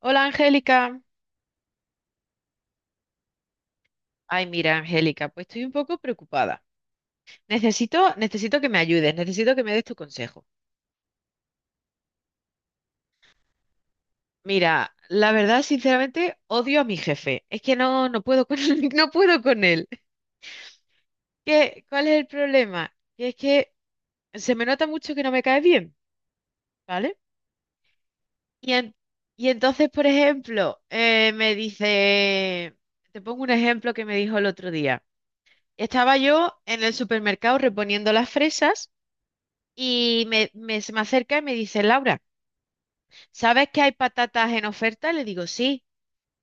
Hola, Angélica. Ay, mira, Angélica, pues estoy un poco preocupada. Necesito que me ayudes, necesito que me des tu consejo. Mira, la verdad, sinceramente, odio a mi jefe. Es que no puedo con, él, no puedo con él. ¿Qué, cuál es el problema? Que es que se me nota mucho que no me cae bien, ¿vale? Y, en- y entonces, por ejemplo, me dice, te pongo un ejemplo que me dijo el otro día. Estaba yo en el supermercado reponiendo las fresas. Y se me acerca y me dice, Laura, ¿sabes que hay patatas en oferta? Le digo, sí.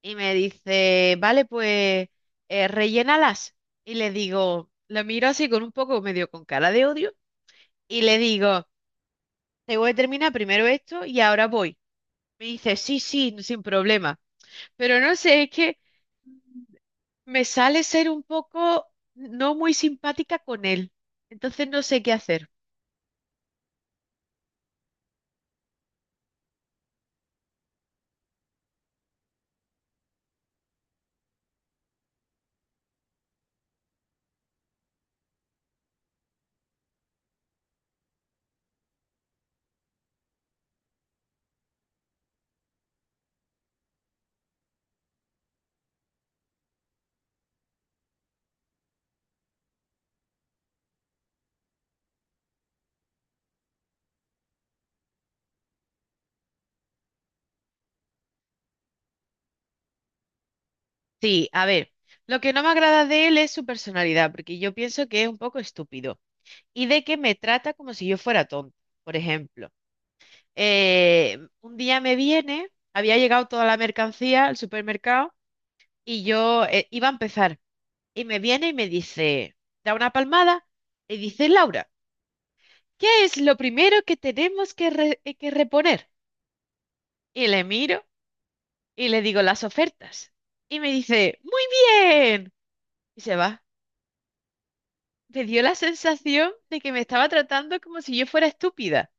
Y me dice, vale, pues rellénalas. Y le digo, la miro así con un poco medio con cara de odio. Y le digo, tengo que terminar primero esto y ahora voy. Me dice, sí, sí, sin problema. Pero no sé, es que me sale ser un poco no muy simpática con él. Entonces no sé qué hacer. Sí, a ver, lo que no me agrada de él es su personalidad, porque yo pienso que es un poco estúpido y de que me trata como si yo fuera tonta. Por ejemplo, un día me viene, había llegado toda la mercancía al supermercado y yo iba a empezar. Y me viene y me dice, da una palmada y dice, Laura, ¿qué es lo primero que tenemos que, que reponer? Y le miro y le digo las ofertas. Y me dice, muy bien. Y se va. Me dio la sensación de que me estaba tratando como si yo fuera estúpida.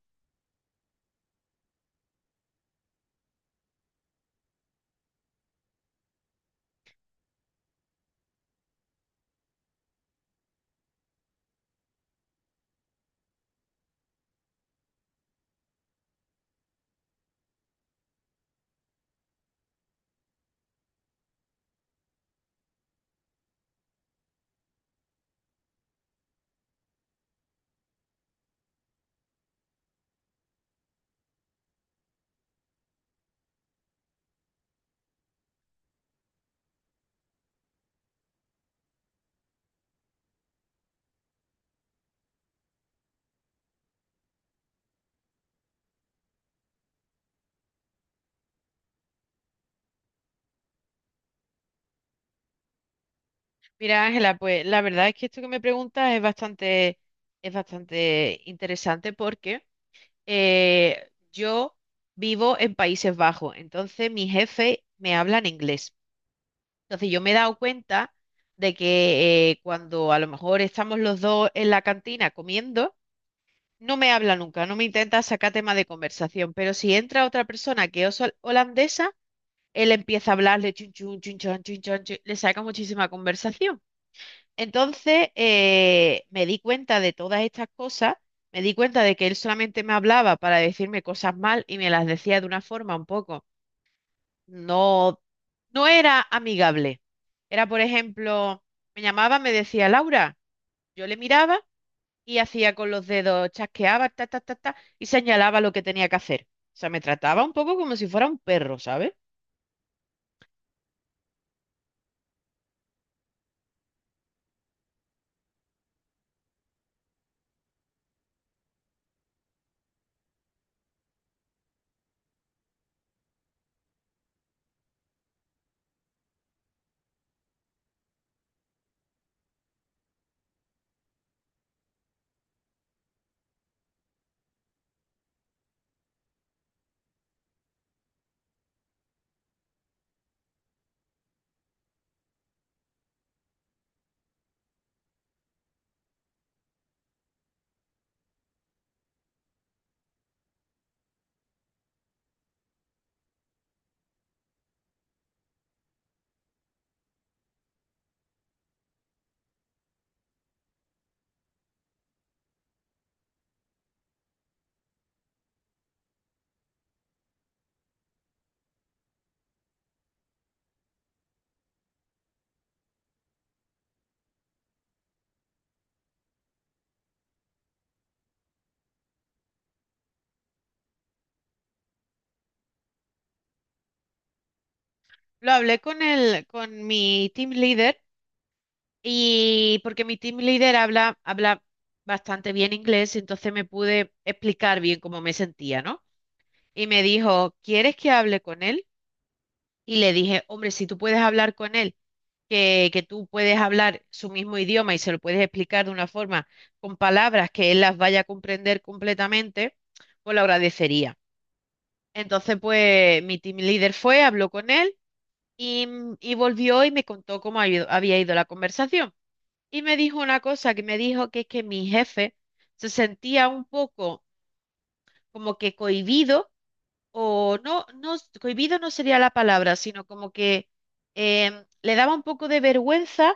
Mira, Ángela, pues la verdad es que esto que me preguntas es bastante interesante porque yo vivo en Países Bajos, entonces mi jefe me habla en inglés. Entonces yo me he dado cuenta de que cuando a lo mejor estamos los dos en la cantina comiendo, no me habla nunca, no me intenta sacar tema de conversación, pero si entra otra persona que es holandesa, él empieza a hablarle, chun, chun, chun, chan, chun, chan, chun, le saca muchísima conversación. Entonces, me di cuenta de todas estas cosas, me di cuenta de que él solamente me hablaba para decirme cosas mal y me las decía de una forma un poco, no, no era amigable. Era, por ejemplo, me llamaba, me decía Laura, yo le miraba y hacía con los dedos, chasqueaba, ta, ta, ta, ta, y señalaba lo que tenía que hacer. O sea, me trataba un poco como si fuera un perro, ¿sabes? Lo hablé con con mi team leader y porque mi team leader habla bastante bien inglés, entonces me pude explicar bien cómo me sentía, ¿no? Y me dijo, ¿quieres que hable con él? Y le dije, hombre, si tú puedes hablar con él, que tú puedes hablar su mismo idioma y se lo puedes explicar de una forma con palabras que él las vaya a comprender completamente, pues lo agradecería. Entonces, pues mi team leader fue, habló con él. Y, y volvió y me contó cómo había ido la conversación. Y me dijo una cosa que me dijo que es que mi jefe se sentía un poco como que cohibido, o no, no, cohibido no sería la palabra, sino como que em, le daba un poco de vergüenza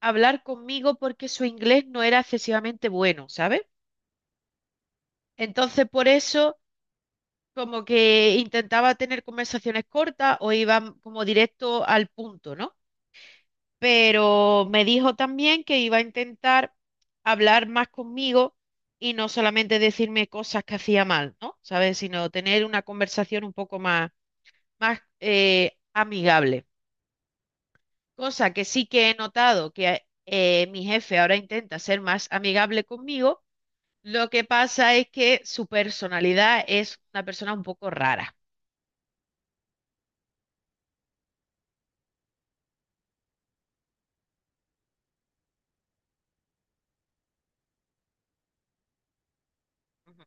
hablar conmigo porque su inglés no era excesivamente bueno, ¿sabes? Entonces por eso como que intentaba tener conversaciones cortas o iba como directo al punto, ¿no? Pero me dijo también que iba a intentar hablar más conmigo y no solamente decirme cosas que hacía mal, ¿no? ¿Sabes? Sino tener una conversación un poco más, más amigable. Cosa que sí que he notado que mi jefe ahora intenta ser más amigable conmigo. Lo que pasa es que su personalidad es una persona un poco rara. Ujú.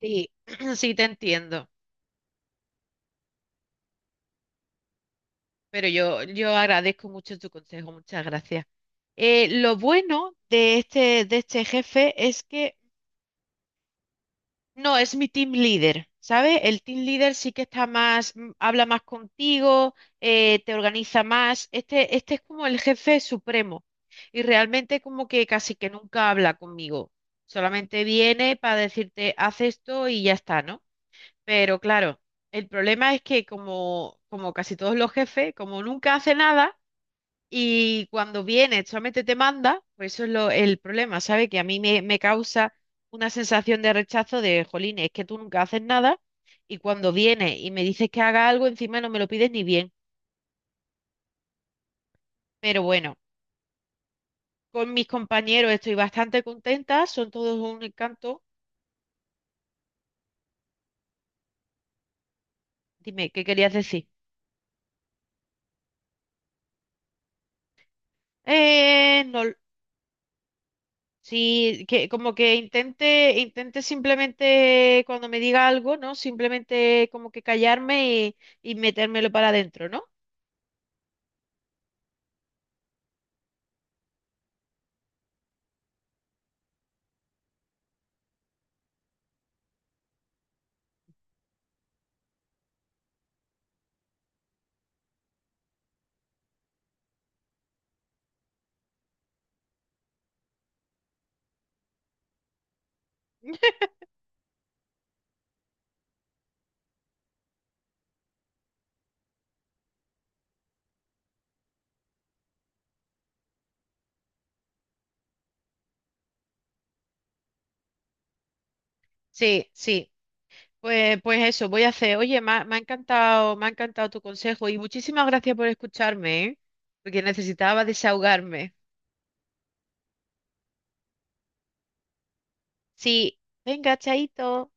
Sí, sí te entiendo. Pero yo agradezco mucho tu consejo, muchas gracias. Lo bueno de de este jefe es que no es mi team leader, ¿sabes? El team leader sí que está más, habla más contigo, te organiza más. Este es como el jefe supremo y realmente como que casi que nunca habla conmigo. Solamente viene para decirte, haz esto y ya está, ¿no? Pero claro, el problema es que como casi todos los jefes, como nunca hace nada, y cuando viene, solamente te manda, pues eso es lo, el problema, ¿sabes? Que a mí me causa una sensación de rechazo de, jolín, es que tú nunca haces nada y cuando viene y me dices que haga algo, encima no me lo pides ni bien. Pero bueno, con mis compañeros estoy bastante contenta, son todos un encanto. Dime, ¿qué querías decir? No, sí, que como que intente simplemente cuando me diga algo, ¿no? Simplemente como que callarme y metérmelo para adentro, ¿no? Sí, sí. Pues, pues eso, voy a hacer. Oye, me ha encantado tu consejo y muchísimas gracias por escucharme, ¿eh? Porque necesitaba desahogarme. Sí, venga, chaito.